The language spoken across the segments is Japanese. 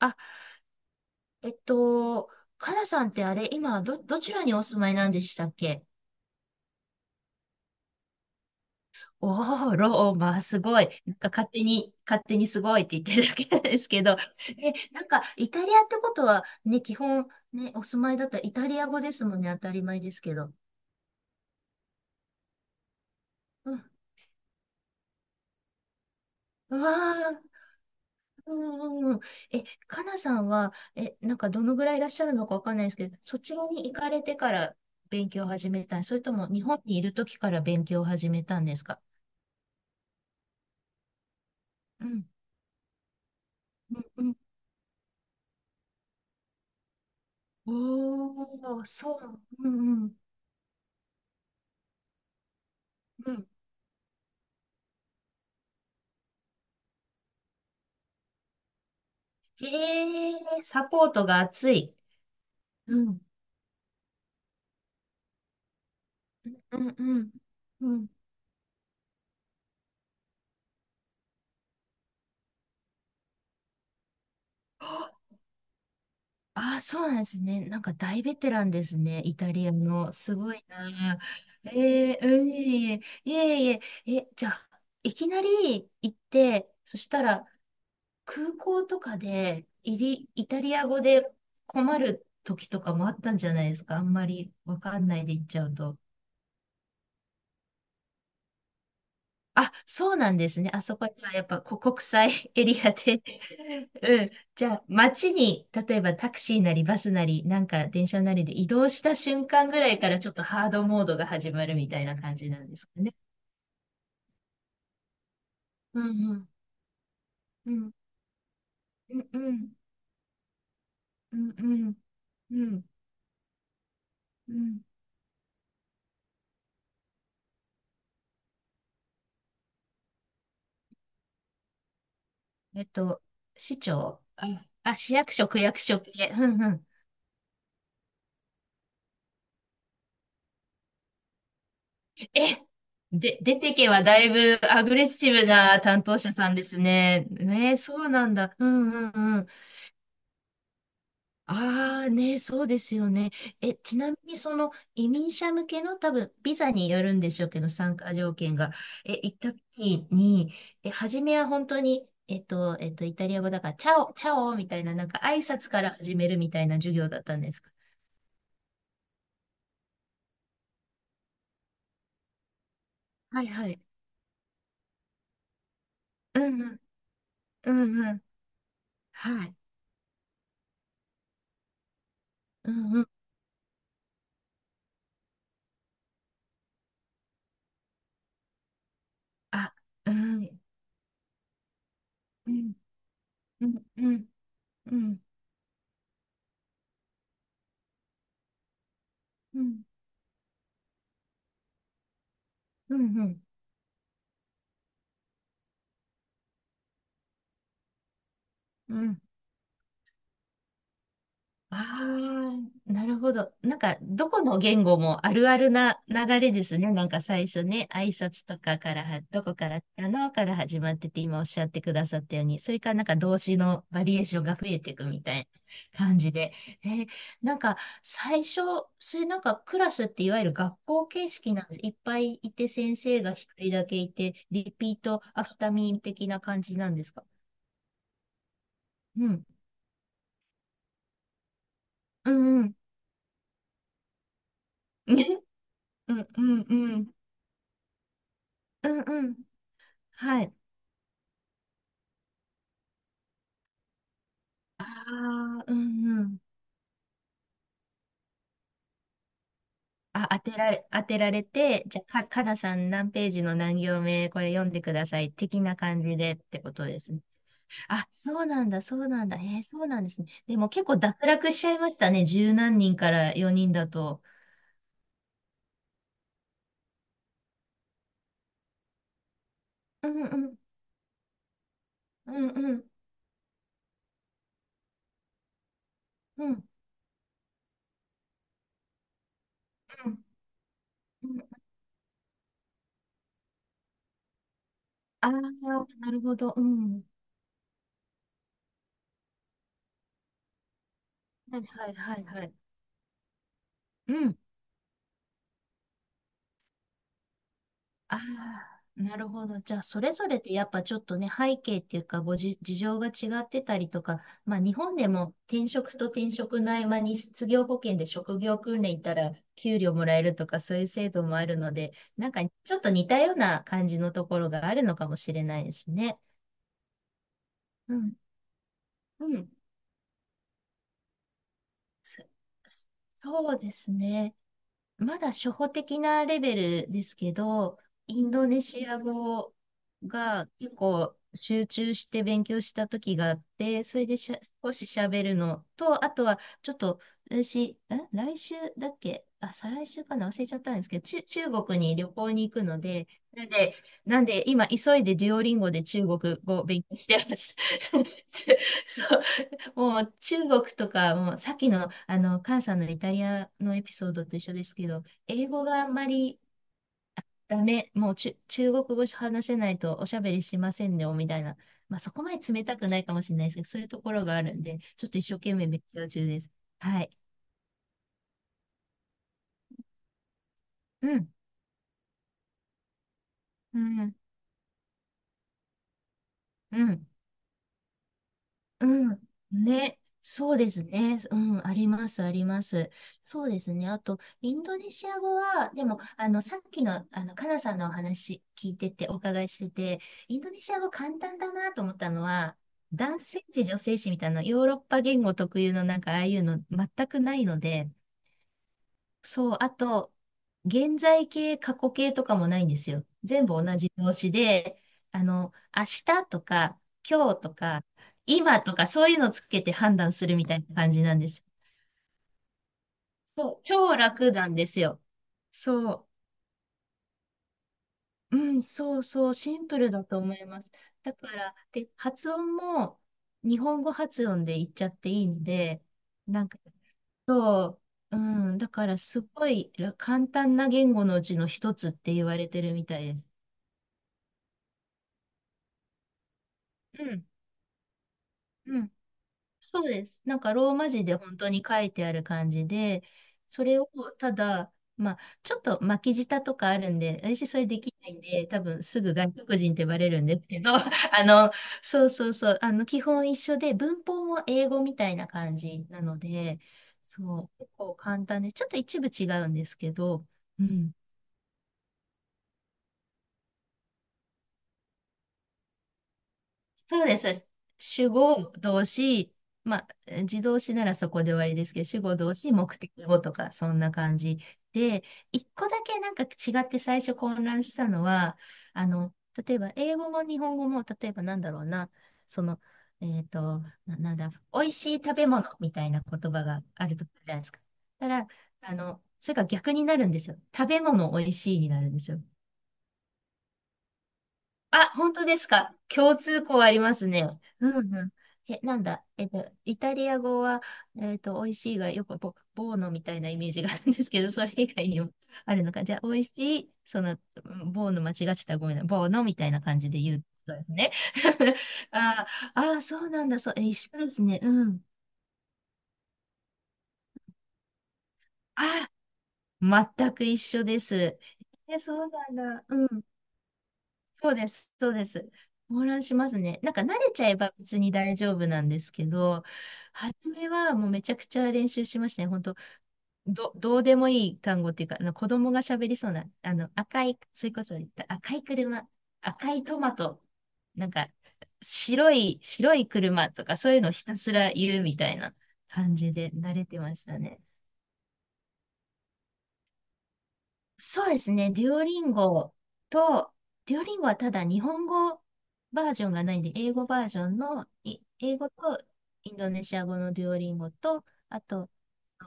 あ、えっと、かなさんってあれ、今、どちらにお住まいなんでしたっけ？おー、ローマ、すごい。なんか勝手に、勝手にすごいって言ってるだけなんですけど。え、なんか、イタリアってことは、ね、基本、ね、お住まいだったらイタリア語ですもんね、当たり前ですけど。うん、うわー。うんうんうん、え、かなさんは、なんかどのぐらいいらっしゃるのかわかんないですけど、そちらに行かれてから勉強を始めたんそれとも日本にいる時から勉強を始めたんですか？うんうんうん、おー、そう、うんうん、うん。へえ、サポートが熱い。うん、うん、うんうん、うん。ああ、そうなんですね。なんか大ベテランですね、イタリアの。すごいな。うんいえいえ、いえいえ、え、じゃあ、いきなり行って、そしたら空港とかでイタリア語で困る時とかもあったんじゃないですか。あんまりわかんないで行っちゃうと。あ、そうなんですね。あそこにはやっぱこ 国際エリアで。 うん。じゃあ、街に、例えばタクシーなりバスなり、なんか電車なりで移動した瞬間ぐらいからちょっとハードモードが始まるみたいな感じなんですかね。うんうん。うん。うんうん。うんうん。うんうんえっと、市長あ、あ、市役所、区役所系。うんうんえ、で、出てけはだいぶアグレッシブな担当者さんですね。ね、そうなんだ。うんうんうん。ああ、ね、そうですよね。え、ちなみにその移民者向けの多分ビザによるんでしょうけど、参加条件が。え、行った時に、え、初めは本当に、イタリア語だから、チャオ、チャオみたいな、なんか挨拶から始めるみたいな授業だったんですか？はいはい。うんうん、うんうん。はい。うんうん。あ、うん。うんうん、うん、うん、うん、うん、うん。うんああ、なるほど。なんか、どこの言語もあるあるな流れですね。なんか最初ね、挨拶とかからは、どこからかなから始まってて、今おっしゃってくださったように、それからなんか動詞のバリエーションが増えていくみたいな感じで。えーなんか、最初、それなんかクラスっていわゆる学校形式なんです。いっぱいいて先生が一人だけいて、リピートアフターミー的な感じなんですか？うんうんうん。うんうんうん。うんうん。はい。ああ、うんうん。あ、当てられて、じゃあ、かなさん何ページの何行目、これ読んでください、的な感じでってことですね。あ、そうなんだ、そうなんだ。えーそうなんですね。でも結構脱落しちゃいましたね。十何人から4人だと。うんうん。うんうん。うんうん。うんああー、なるほど。うん。はいはいはいはい。うん。ああ、なるほど。じゃあ、それぞれでやっぱちょっとね、背景っていうか、事情が違ってたりとか、まあ、日本でも転職と転職の合間に失業保険で職業訓練行ったら給料もらえるとか、そういう制度もあるので、なんかちょっと似たような感じのところがあるのかもしれないですね。うん、うん。そそうですね。まだ初歩的なレベルですけど、インドネシア語が結構集中して勉強した時があって、それで少し喋るのと、あとはちょっと私、来週だっけあ、再来週かな忘れちゃったんですけど、中国に旅行に行くので、なんで、なんで今急いでデュオリンゴで中国語を勉強してます。そうもう中国とか、もうさっきの、あの、菅さんのイタリアのエピソードと一緒ですけど、英語があんまりダメ、もう中国語話せないとおしゃべりしませんよ、みたいな。まあ、そこまで冷たくないかもしれないですけど、そういうところがあるんで、ちょっと一生懸命勉強中です。はい。うん。うん。うん。うん。ね。そうですね。うん。あります、あります。そうですね。あと、インドネシア語は、でも、あの、さっきの、あの、カナさんのお話聞いてて、お伺いしてて、インドネシア語簡単だなと思ったのは、男性詞、女性詞みたいな、ヨーロッパ言語特有のなんか、ああいうの全くないので、そう、あと、現在形、過去形とかもないんですよ。全部同じ動詞で、あの、明日とか、今日とか、今とか、そういうのつけて判断するみたいな感じなんですよ。そう、超楽なんですよ。そう、うん、そうそう、シンプルだと思います。だから、で、発音も日本語発音で言っちゃっていいんで、なんか、そう、うん、だからすごいら簡単な言語のうちの一つって言われてるみたいです。うん、うん、そうです。なんかローマ字で本当に書いてある感じで、それをただ、まあ、ちょっと巻き舌とかあるんで、私それできないんで、多分すぐ外国人ってバレるんですけど、あの、そうそうそう、あの、基本一緒で、文法も英語みたいな感じなので、そう、結構簡単で、ちょっと一部違うんですけど、うん。そうです。主語、動詞、まあ、自動詞ならそこで終わりですけど、主語、動詞、目的語とか、そんな感じで、一個だけなんか違って最初混乱したのは、あの、例えば、英語も日本語も、例えばなんだろうな、その、えっと、な、なんだ、美味しい食べ物みたいな言葉があるとじゃないですか。たら、あの、それが逆になるんですよ。食べ物美味しいになるんですよ。あ、本当ですか。共通項ありますね。うんうん。え、なんだ。イタリア語は、美味しいがよくボーノみたいなイメージがあるんですけど、それ以外にもあるのか。じゃあ、美味しい、その、うんボーノ間違ってたらごめんな。ボーノみたいな感じで言うことですね。ああ、あーそうなんだ。そう、え、一緒ですね。うん。あ、全く一緒です。え、そうなんだ。うん。そうです、そうです。混乱しますね。なんか慣れちゃえば別に大丈夫なんですけど、初めはもうめちゃくちゃ練習しましたね。本当どうでもいい単語っていうか、あの子供が喋りそうな、あの赤い、それこそ言った赤い車、赤いトマト、なんか白い車とかそういうのをひたすら言うみたいな感じで慣れてましたね。そうですね。と、デュオリンゴはただ日本語バージョンがないんで、英語バージョンの、英語とインドネシア語のデュオリンゴと、あと、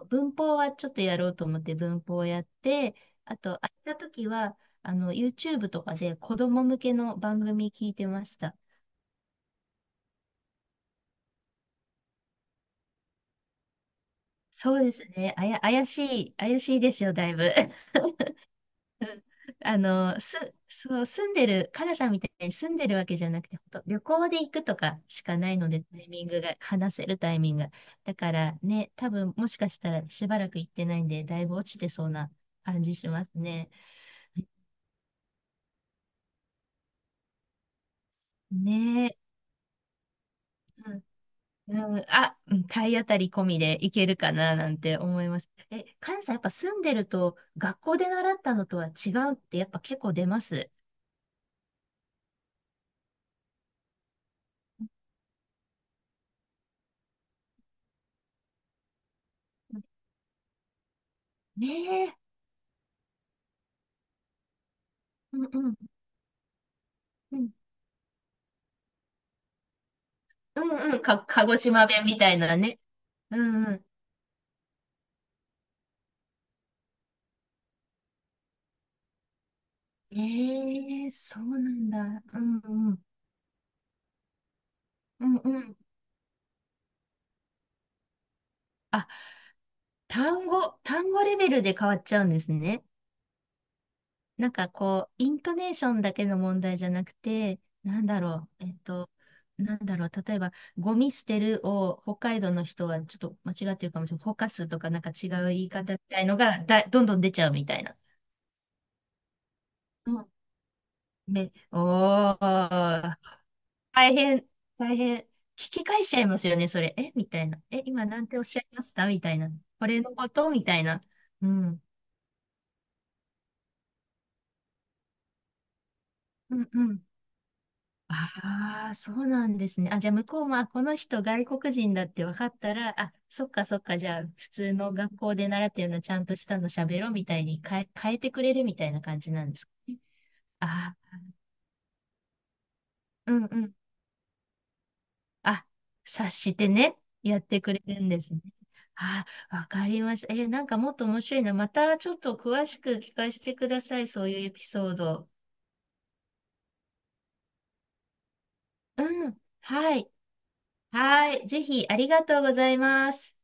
文法はちょっとやろうと思って文法をやって、あと、空いた時は、あの、YouTube とかで子供向けの番組聞いてました。そうですね。怪しいですよ、だいぶ。あの、そう、住んでる、カナさんみたいに住んでるわけじゃなくて、ほんと旅行で行くとかしかないので、タイミングが、話せるタイミングが。だからね、多分もしかしたらしばらく行ってないんで、だいぶ落ちてそうな感じしますね。ねえ。うん、うんあ、うん体当たり込みでいけるかななんて思います。え、カナさん、やっぱ住んでると、学校で習ったのとは違うって、やっぱ結構出ます。ねえ。うんうん。うんうんうん。鹿児島弁みたいなね。うんうん。ええそうなんだ。うんうん。うんうん。あ、単語レベルで変わっちゃうんですね。なんかこう、イントネーションだけの問題じゃなくて、なんだろう、なんだろう、例えば、ゴミ捨てるを北海道の人はちょっと間違ってるかもしれない。ほかすとかなんか違う言い方みたいのがだ、どんどん出ちゃうみたいな。うん。ね、おー、大変、大変。聞き返しちゃいますよね、それ。えみたいな。え、今なんておっしゃいましたみたいな。これのことみたいな。うん。うんうん。ああ、そうなんですね。あ、じゃあ向こうも、あ、この人外国人だって分かったら、あ、そっかそっか、じゃあ普通の学校で習ったようなちゃんとしたの喋ろうみたいに変えてくれるみたいな感じなんですかね。ああ、うんうん。あ、察してね、やってくれるんですね。あ、わかりました。え、なんかもっと面白いな。またちょっと詳しく聞かせてください。そういうエピソード。うん。はい。はい。ぜひ、ありがとうございます。